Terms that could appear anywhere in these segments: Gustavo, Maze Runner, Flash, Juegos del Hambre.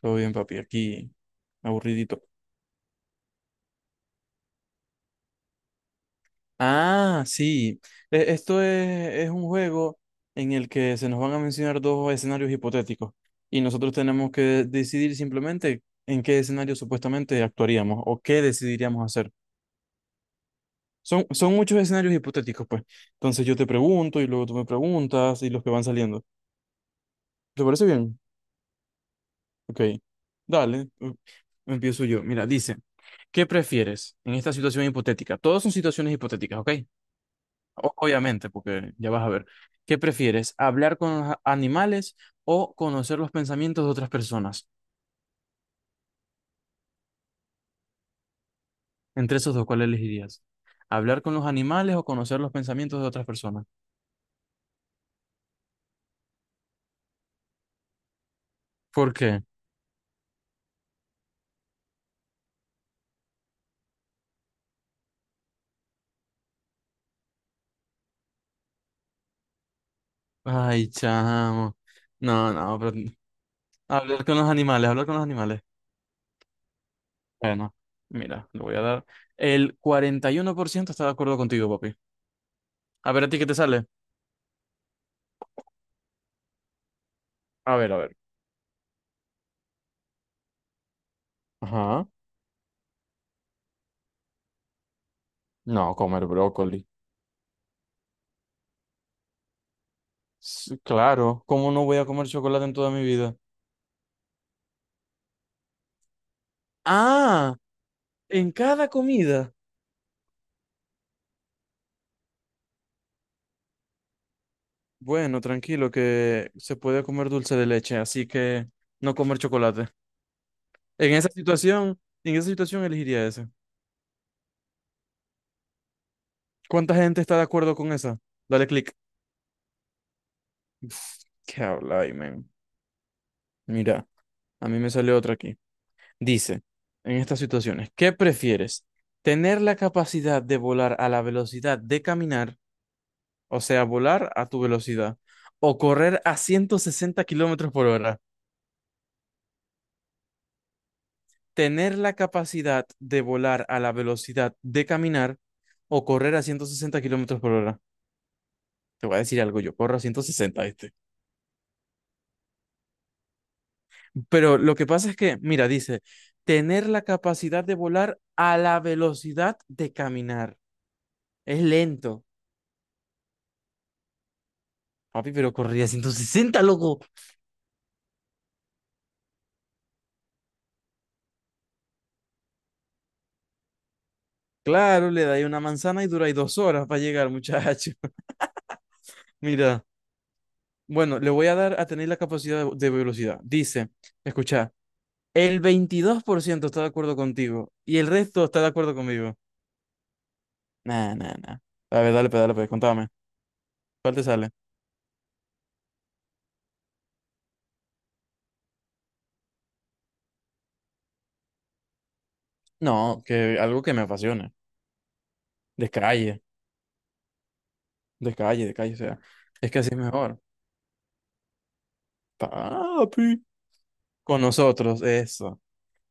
Todo bien, papi, aquí aburridito. Ah, sí. Esto es un juego en el que se nos van a mencionar dos escenarios hipotéticos y nosotros tenemos que decidir simplemente en qué escenario supuestamente actuaríamos o qué decidiríamos hacer. Son muchos escenarios hipotéticos, pues. Entonces yo te pregunto y luego tú me preguntas y los que van saliendo. ¿Te parece bien? Ok. Dale. Empiezo yo. Mira, dice, ¿qué prefieres en esta situación hipotética? Todas son situaciones hipotéticas, ¿ok? Obviamente, porque ya vas a ver. ¿Qué prefieres? ¿Hablar con los animales o conocer los pensamientos de otras personas? Entre esos dos, ¿cuál elegirías? ¿Hablar con los animales o conocer los pensamientos de otras personas? ¿Por qué? Ay, chamo. No, no, pero hablar con los animales, hablar con los animales. Bueno, mira, le voy a dar. El 41% está de acuerdo contigo, papi. A ver, ¿a ti qué te sale? A ver, a ver. Ajá. No, comer brócoli. Claro, ¿cómo no voy a comer chocolate en toda mi vida? Ah, en cada comida. Bueno, tranquilo, que se puede comer dulce de leche, así que no comer chocolate. En esa situación elegiría ese. ¿Cuánta gente está de acuerdo con esa? Dale clic. Uf, ¿qué habláis, men? Mira, a mí me sale otra aquí. Dice, en estas situaciones, ¿qué prefieres? ¿Tener la capacidad de volar a la velocidad de caminar, o sea, volar a tu velocidad, o correr a 160 kilómetros por hora? Tener la capacidad de volar a la velocidad de caminar o correr a 160 kilómetros por hora. Te voy a decir algo, yo corro a 160. Pero lo que pasa es que, mira, dice, tener la capacidad de volar a la velocidad de caminar. Es lento. Papi, pero corría a 160 loco. Claro, le da ahí una manzana y dura ahí 2 horas para llegar, muchacho. Mira, bueno, le voy a dar a tener la capacidad de velocidad. Dice, escucha, el 22% está de acuerdo contigo y el resto está de acuerdo conmigo. Nah, nah, nah. A ver, dale, pues, contame. ¿Cuál te sale? No, que algo que me apasione. Descalle, descalle, descalle, o sea, es que así es mejor. Papi. Con nosotros, eso.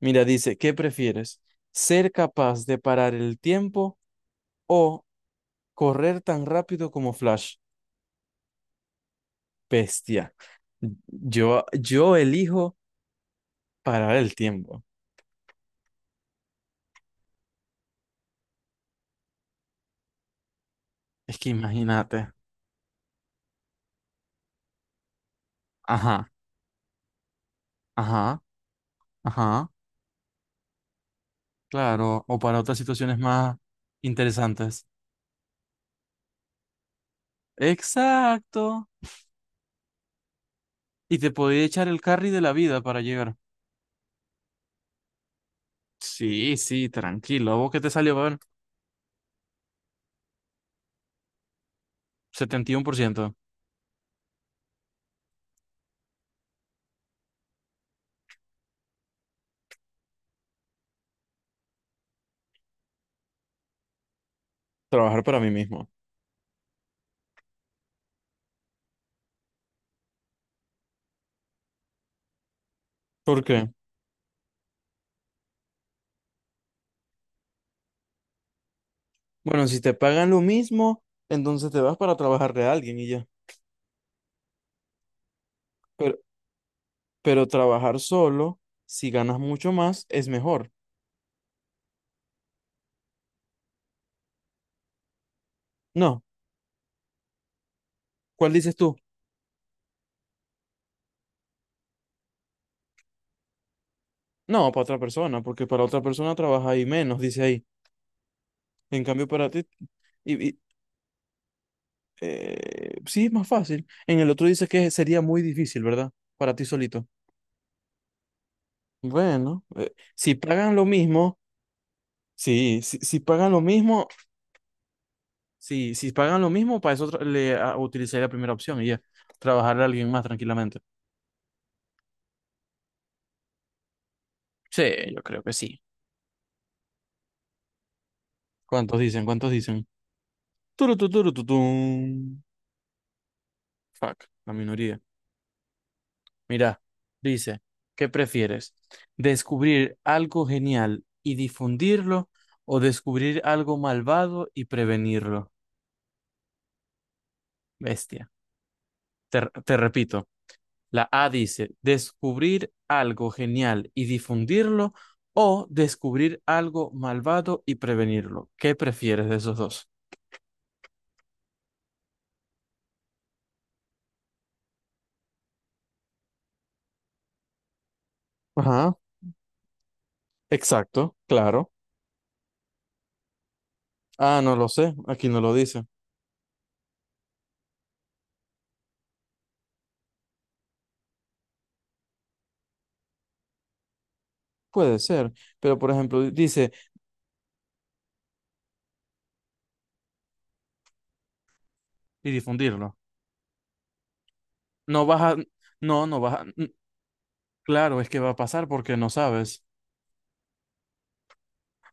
Mira, dice, ¿qué prefieres? ¿Ser capaz de parar el tiempo o correr tan rápido como Flash? Bestia. Yo elijo parar el tiempo. Es que imagínate. Ajá, ajá. Ajá, claro, o para otras situaciones más interesantes. Exacto. Y te podía echar el carry de la vida para llegar. Sí, sí, tranquilo. ¿A vos qué te salió? A ver, 71%. Trabajar para mí mismo. ¿Por qué? Bueno, si te pagan lo mismo, entonces te vas para trabajar de alguien y ya. Pero, pero trabajar solo, si ganas mucho más, es mejor. No, ¿cuál dices tú? No, para otra persona, porque para otra persona trabaja ahí menos, dice ahí. En cambio, para ti, y sí, es más fácil. En el otro dice que sería muy difícil, ¿verdad? Para ti solito. Bueno, si pagan lo mismo, sí, si pagan lo mismo, sí, si pagan lo mismo, para eso utilizaría la primera opción y ya, trabajar a alguien más tranquilamente. Sí, yo creo que sí. ¿Cuántos dicen? ¿Cuántos dicen? Turu, tu, tum. Fuck, la minoría. Mira, dice, ¿qué prefieres? ¿Descubrir algo genial y difundirlo o descubrir algo malvado y prevenirlo? Bestia. Te, te repito, la A dice, descubrir algo genial y difundirlo o descubrir algo malvado y prevenirlo. ¿Qué prefieres de esos dos? Ajá, exacto, claro. Ah, no lo sé, aquí no lo dice. Puede ser, pero por ejemplo, dice, y difundirlo. No vas a, no, no vas a. Claro, es que va a pasar porque no sabes.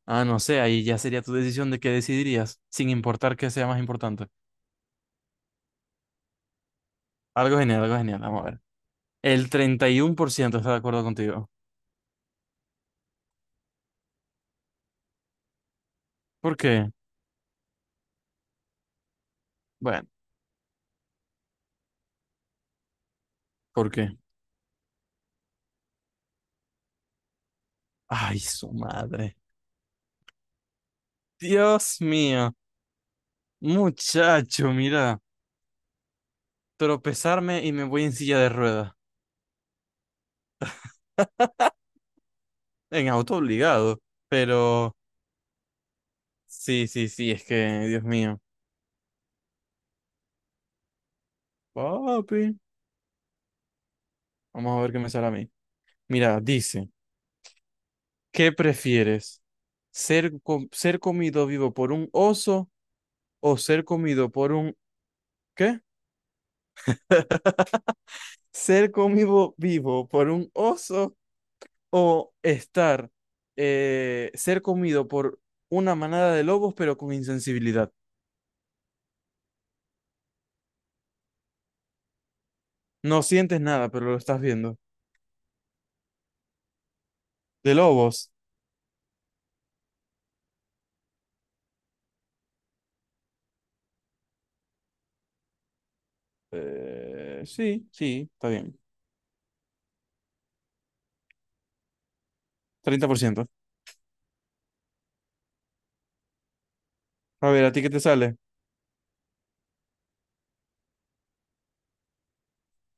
Ah, no sé, ahí ya sería tu decisión de qué decidirías, sin importar qué sea más importante. Algo genial, vamos a ver. El 31% está de acuerdo contigo. ¿Por qué? Bueno, ¿por qué? Ay, su madre. Dios mío, muchacho, mira, tropezarme y me voy en silla de ruedas, en auto obligado, pero sí, sí, sí, es que, Dios mío. Papi, vamos a ver qué me sale a mí. Mira, dice. ¿Qué prefieres? ¿Ser comido vivo por un oso o ser comido por un... ¿Qué? ¿Ser comido vivo por un oso o ser comido por una manada de lobos pero con insensibilidad? No sientes nada, pero lo estás viendo. ¿De lobos? Sí, sí, está bien. 30%. A ver, ¿a ti qué te sale?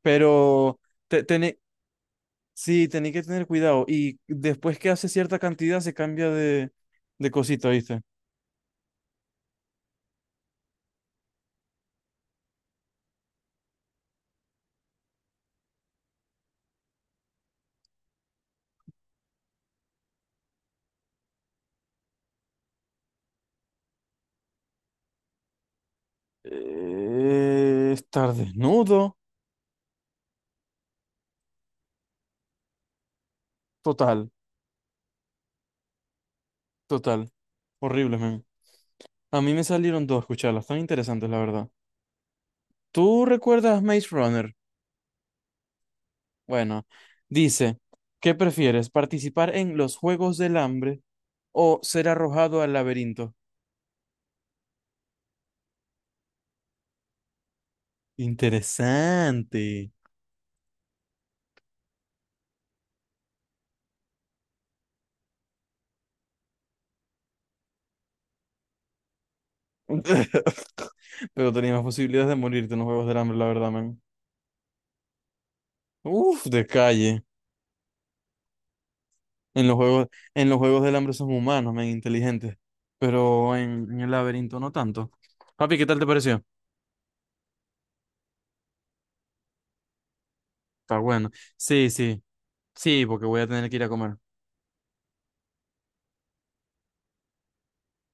Pero... Te, tené- Sí, tenés que tener cuidado. Y después que hace cierta cantidad se cambia de, cosita, ¿viste? Estar desnudo. Total, total. Horrible, man. A mí me salieron dos, escucharlas, tan interesantes, la verdad. ¿Tú recuerdas Maze Runner? Bueno, dice, ¿qué prefieres? ¿Participar en los Juegos del Hambre o ser arrojado al laberinto? Interesante. Pero tenías más posibilidades de morirte en los Juegos del Hambre, la verdad, man. Uf, de calle. En los juegos, en los Juegos del Hambre son humanos, men, inteligentes. Pero en el laberinto no tanto. Papi, ¿qué tal te pareció? Está bueno. Sí, sí. Sí, porque voy a tener que ir a comer.